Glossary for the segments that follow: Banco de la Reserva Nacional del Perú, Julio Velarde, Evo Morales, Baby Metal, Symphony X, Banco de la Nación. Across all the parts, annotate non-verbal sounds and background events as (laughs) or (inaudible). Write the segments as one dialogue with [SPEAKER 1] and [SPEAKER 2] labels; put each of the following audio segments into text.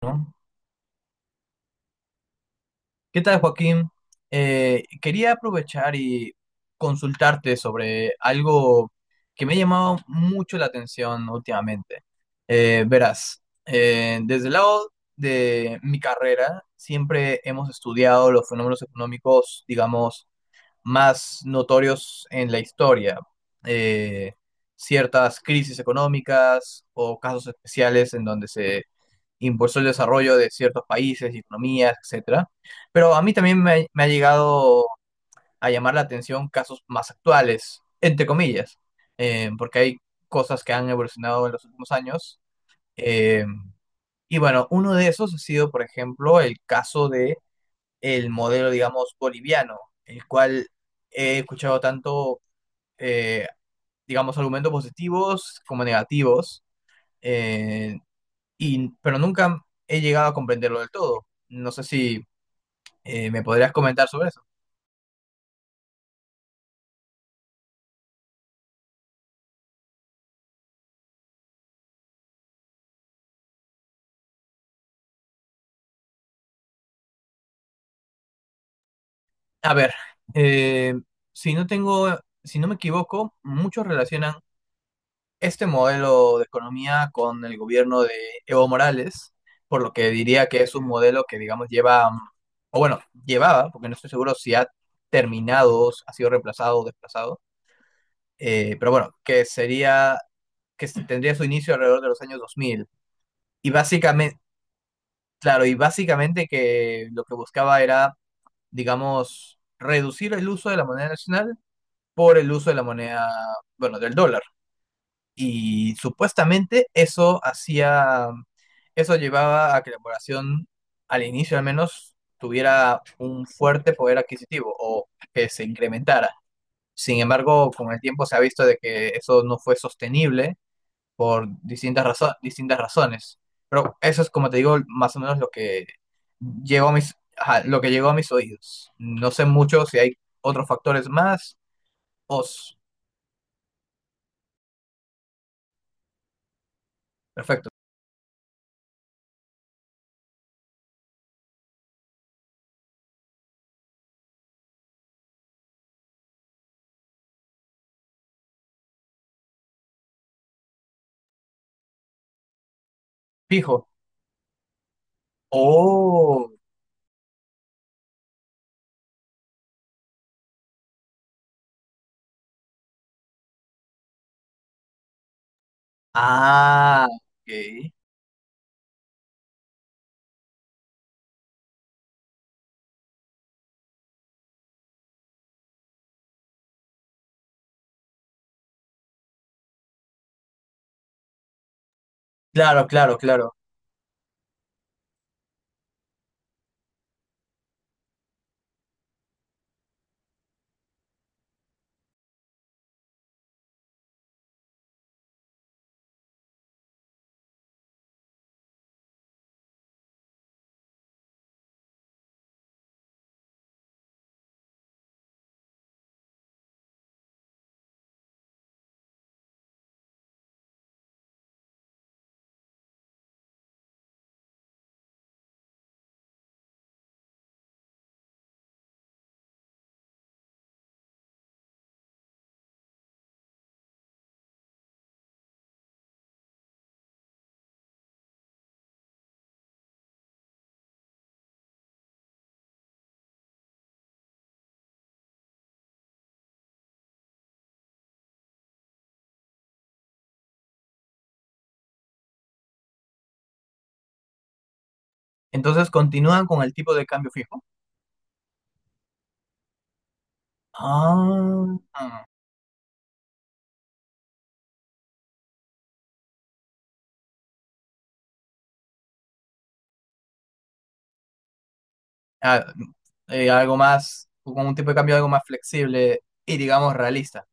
[SPEAKER 1] ¿No? ¿Qué tal, Joaquín? Quería aprovechar y consultarte sobre algo que me ha llamado mucho la atención últimamente. Verás, desde el lado de mi carrera, siempre hemos estudiado los fenómenos económicos, digamos, más notorios en la historia. Eh, Ciertas crisis económicas o casos especiales en donde se impulsó el desarrollo de ciertos países, economías, etcétera. Pero a mí también me ha llegado a llamar la atención casos más actuales, entre comillas, porque hay cosas que han evolucionado en los últimos años. eh, y bueno, uno de esos ha sido, por ejemplo, el caso de el modelo, digamos, boliviano, el cual he escuchado tanto, eh, digamos, argumentos positivos como negativos. eh, pero nunca he llegado a comprenderlo del todo. No sé si me podrías comentar sobre eso. A ver, eh, si no tengo, si no me equivoco, muchos relacionan este modelo de economía con el gobierno de Evo Morales, por lo que diría que es un modelo que, digamos, lleva, o bueno, llevaba, porque no estoy seguro si ha terminado, si ha sido reemplazado o desplazado, pero bueno, que sería, tendría su inicio alrededor de los años 2000. Y básicamente, Claro, y básicamente que lo que buscaba era, digamos, reducir el uso de la moneda nacional por el uso de la moneda, bueno, del dólar. Y supuestamente eso hacía, eso llevaba a que la población, al inicio al menos, tuviera un fuerte poder adquisitivo o que se incrementara. Sin embargo, con el tiempo se ha visto de que eso no fue sostenible por distintas razones. Pero eso es, como te digo, más o menos lo que ajá, lo que llegó a mis oídos. No sé mucho si hay otros factores más. Os, perfecto. Fijo. Oh, ah, ok. Claro, claro, claro. Entonces continúan con el tipo de cambio fijo. Ah, ah, algo más, con un tipo de cambio algo más flexible y digamos realista.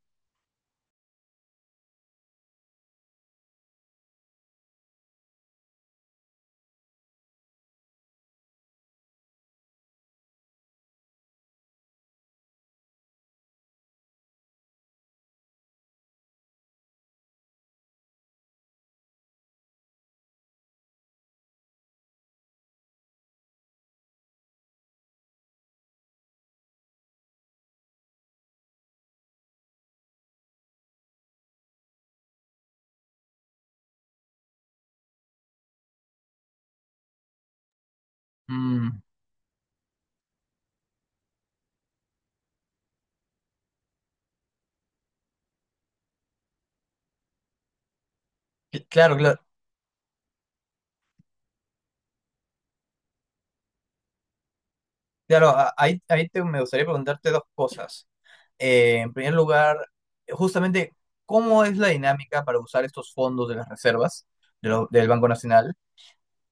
[SPEAKER 1] Mm, claro, claro. Claro, me gustaría preguntarte dos cosas. En primer lugar, justamente, ¿cómo es la dinámica para usar estos fondos de las reservas del Banco Nacional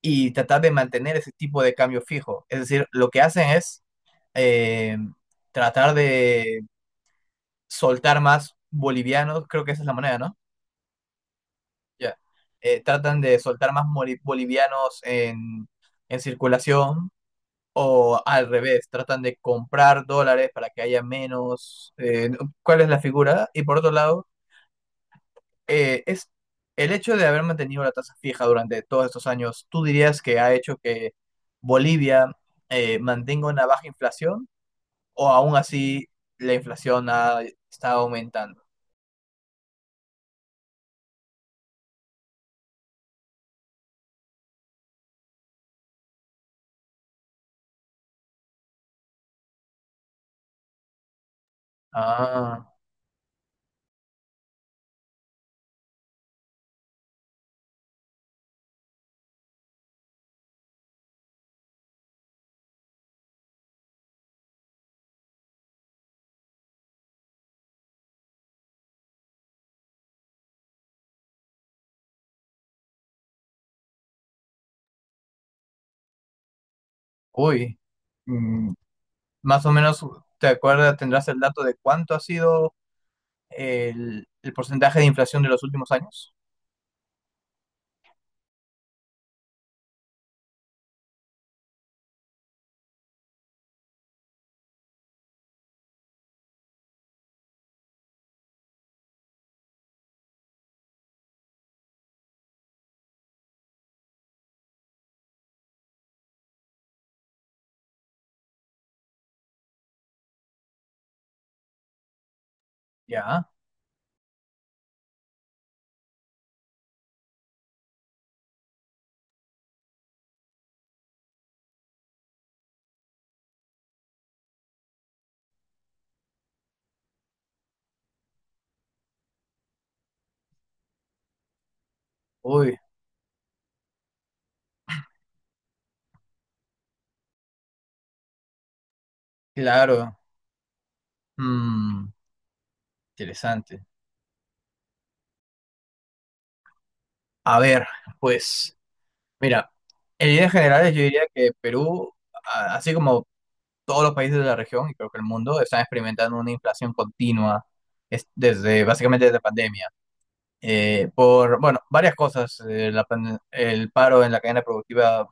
[SPEAKER 1] y tratar de mantener ese tipo de cambio fijo? Es decir, lo que hacen es eh, tratar de soltar más bolivianos, creo que esa es la moneda, ¿no? Ya. Tratan de soltar bolivianos en, circulación. O al revés, tratan de comprar dólares para que haya menos. ¿Cuál es la figura? Y por otro lado, es el hecho de haber mantenido la tasa fija durante todos estos años. ¿Tú dirías que ha hecho que Bolivia mantenga una baja inflación o aún así la inflación ha estado aumentando? Ah, uy. Mm, Más o menos, ¿te acuerdas? ¿Tendrás el dato de cuánto ha sido el porcentaje de inflación de los últimos años? Ya, uy. Claro. Mm, Interesante. A ver, pues, mira, en líneas generales yo diría que Perú, a- así como todos los países de la región y creo que el mundo, están experimentando una inflación continua desde básicamente desde pandemia. Por, bueno, varias cosas, el paro en la cadena productiva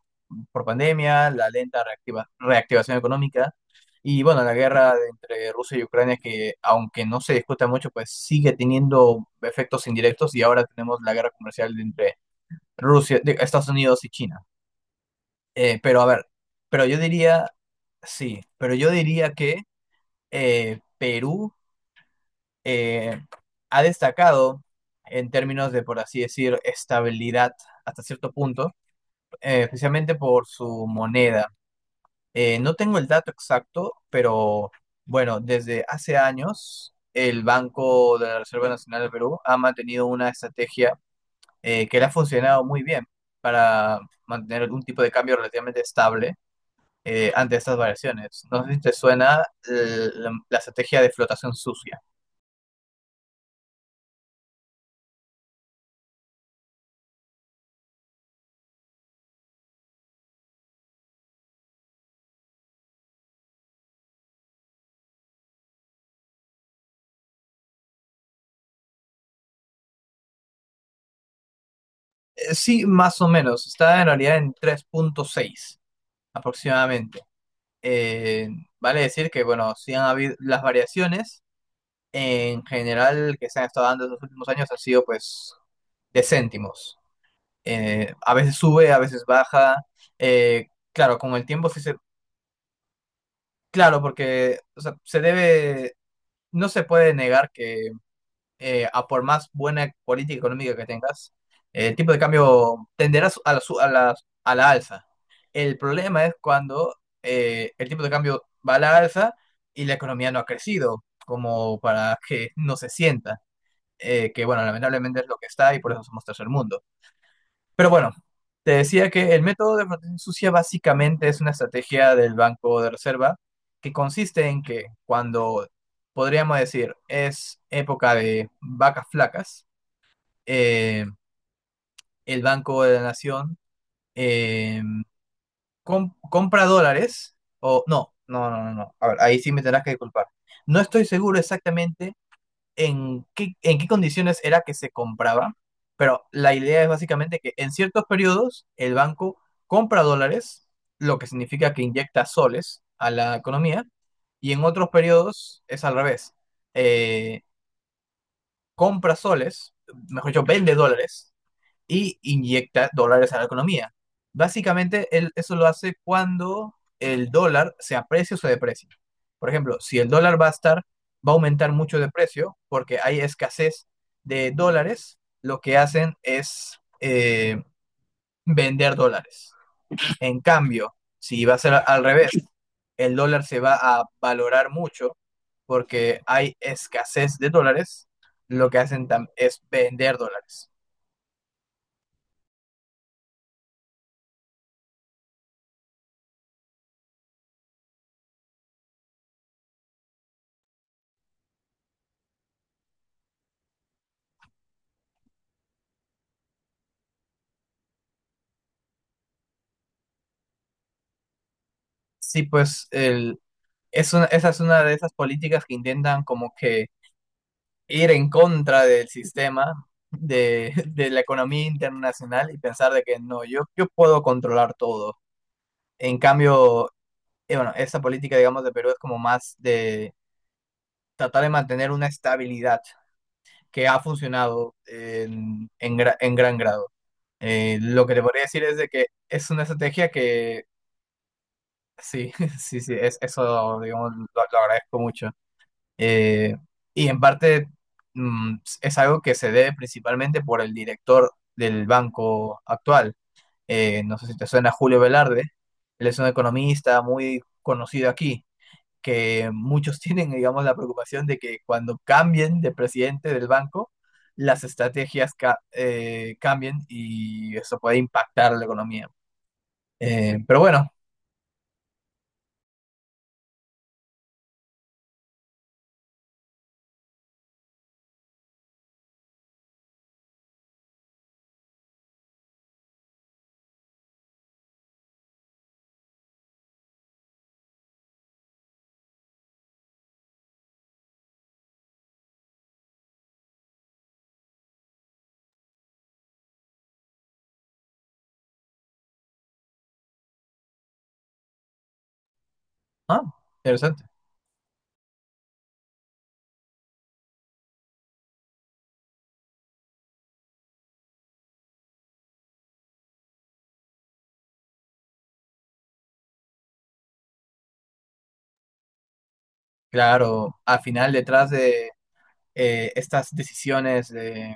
[SPEAKER 1] por pandemia, la lenta reactivación económica y, bueno, la guerra entre Rusia y Ucrania que, aunque no se discuta mucho, pues sigue teniendo efectos indirectos y ahora tenemos la guerra comercial de entre Rusia, de Estados Unidos y China. Pero a ver, pero yo diría, sí, pero yo diría que Perú eh, ha destacado en términos de, por así decir, estabilidad hasta cierto punto, especialmente por su moneda. No tengo el dato exacto, pero bueno, desde hace años el Banco de la Reserva Nacional del Perú ha mantenido una estrategia que le ha funcionado muy bien para mantener algún tipo de cambio relativamente estable ante estas variaciones. No sé si te suena la estrategia de flotación sucia. Sí, más o menos. Está en realidad en 3.6, aproximadamente. Eh, vale decir que, bueno, sí han habido las variaciones en general que se han estado dando en los últimos años han sido pues de céntimos. A veces sube, a veces baja. Claro, con el tiempo sí se. Claro, porque o sea, se debe. No se puede negar que a por más buena política económica que tengas, el tipo de cambio tenderá a la, su- a la alza. El problema es cuando el tipo de cambio va a la alza y la economía no ha crecido, como para que no se sienta, que bueno, lamentablemente es lo que está y por eso somos tercer mundo. Pero bueno, te decía que el método de protección sucia básicamente es una estrategia del Banco de Reserva que consiste en que cuando podríamos decir es época de vacas flacas, eh, el Banco de la Nación eh, compra dólares o no, no, no, no, no. A ver, ahí sí me tendrás que disculpar. No estoy seguro exactamente en qué condiciones era que se compraba, pero la idea es básicamente que en ciertos periodos el banco compra dólares, lo que significa que inyecta soles a la economía, y en otros periodos es al revés. Eh, Compra soles, mejor dicho, vende dólares y inyecta dólares a la economía. Básicamente, él eso lo hace cuando el dólar se aprecia o se deprecia. Por ejemplo, si el dólar va a estar, va a aumentar mucho de precio porque hay escasez de dólares, lo que hacen es vender dólares. En cambio, si va a ser al revés, el dólar se va a valorar mucho porque hay escasez de dólares, lo que hacen es vender dólares. Sí. Esa es una de esas políticas que intentan como que ir en contra del sistema de, (laughs) de la economía internacional y pensar de que no, yo puedo controlar todo. En cambio, bueno, esa política, digamos, de Perú es como más de tratar de mantener una estabilidad que ha funcionado en gran grado. Lo que te podría decir es de que es una estrategia que sí, (laughs) sí, sí, es, eso, digamos, lo agradezco mucho. Eh, y en parte es algo que se debe principalmente por el director del banco actual. No sé si te suena Julio Velarde. Él es un economista muy conocido aquí, que muchos (laughs) tienen, digamos, la preocupación de que cuando cambien de presidente del banco, las estrategias cambien y eso puede impactar la economía. Pero bueno, ah, interesante. Claro, al final detrás de estas decisiones de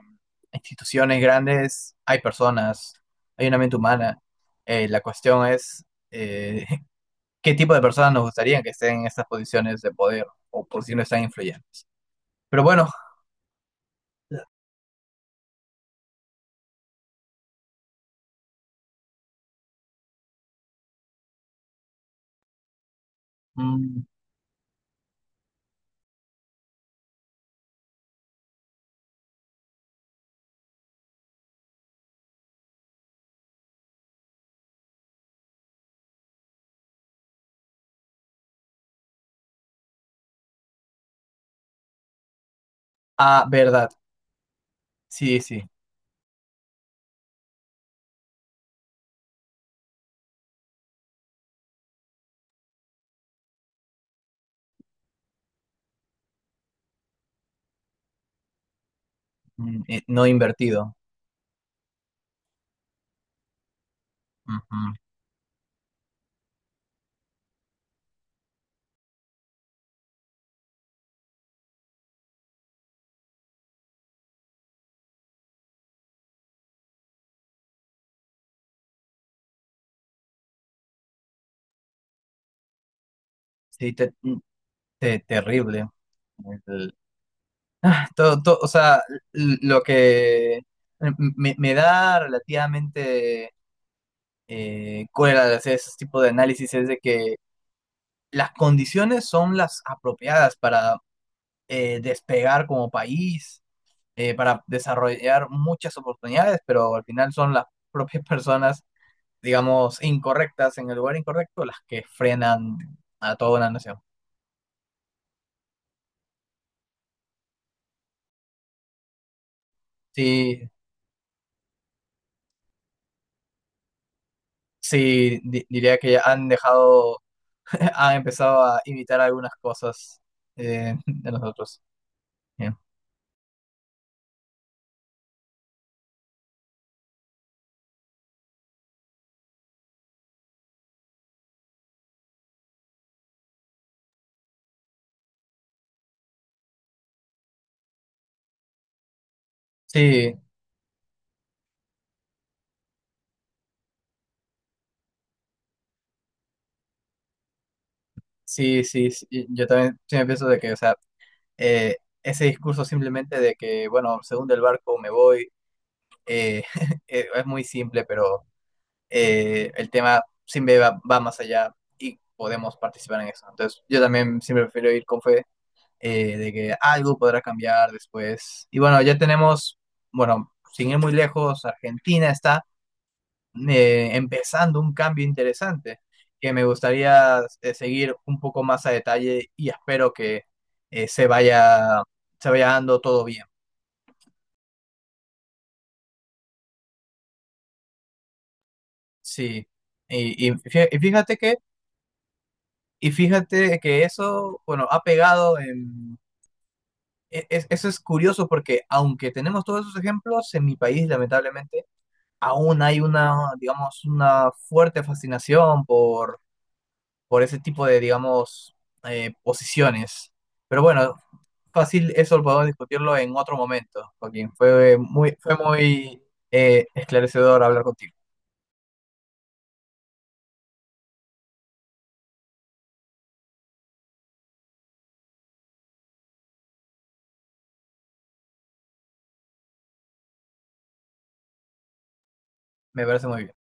[SPEAKER 1] instituciones grandes, hay personas, hay una mente humana. La cuestión es eh, (laughs) qué tipo de personas nos gustaría que estén en estas posiciones de poder o posiciones tan influyentes. Pero bueno, mm, ah, verdad, sí, sí, no invertido. Ujú. Sí, terrible. El- o sea, lo que mm, me da relativamente con el hacer ese tipo de análisis es de que las condiciones son las apropiadas para despegar como país, para desarrollar muchas oportunidades, pero al final son las propias (laughs) personas, digamos, incorrectas en el lugar incorrecto las que frenan a toda una nación. Sí, sí, diría que han dejado, (laughs) han empezado a imitar algunas cosas de nosotros. Bien. Sí, sí, sí, sí, yo también sí me pienso de que, o sea, eh, ese discurso simplemente de que, bueno, se hunde el barco, me voy, eh, (laughs) es muy simple, pero el tema siempre va más allá y podemos participar en eso. Entonces, yo también siempre prefiero ir con fe de que algo podrá cambiar después. Y bueno, ya tenemos, bueno, sin ir muy lejos, Argentina está empezando un cambio interesante que me gustaría seguir un poco más a detalle y espero que eh, se vaya, se vaya dando todo bien. Sí, y, y fí- y fíjate que, y fíjate que eso, bueno, ha pegado en. Eso es curioso porque aunque tenemos todos esos ejemplos, en mi país lamentablemente aún hay una, digamos, una fuerte fascinación por ese tipo de, digamos, posiciones. Pero bueno, fácil, eso podemos discutirlo en otro momento, Joaquín. Fue muy esclarecedor hablar contigo. Me parece muy bien.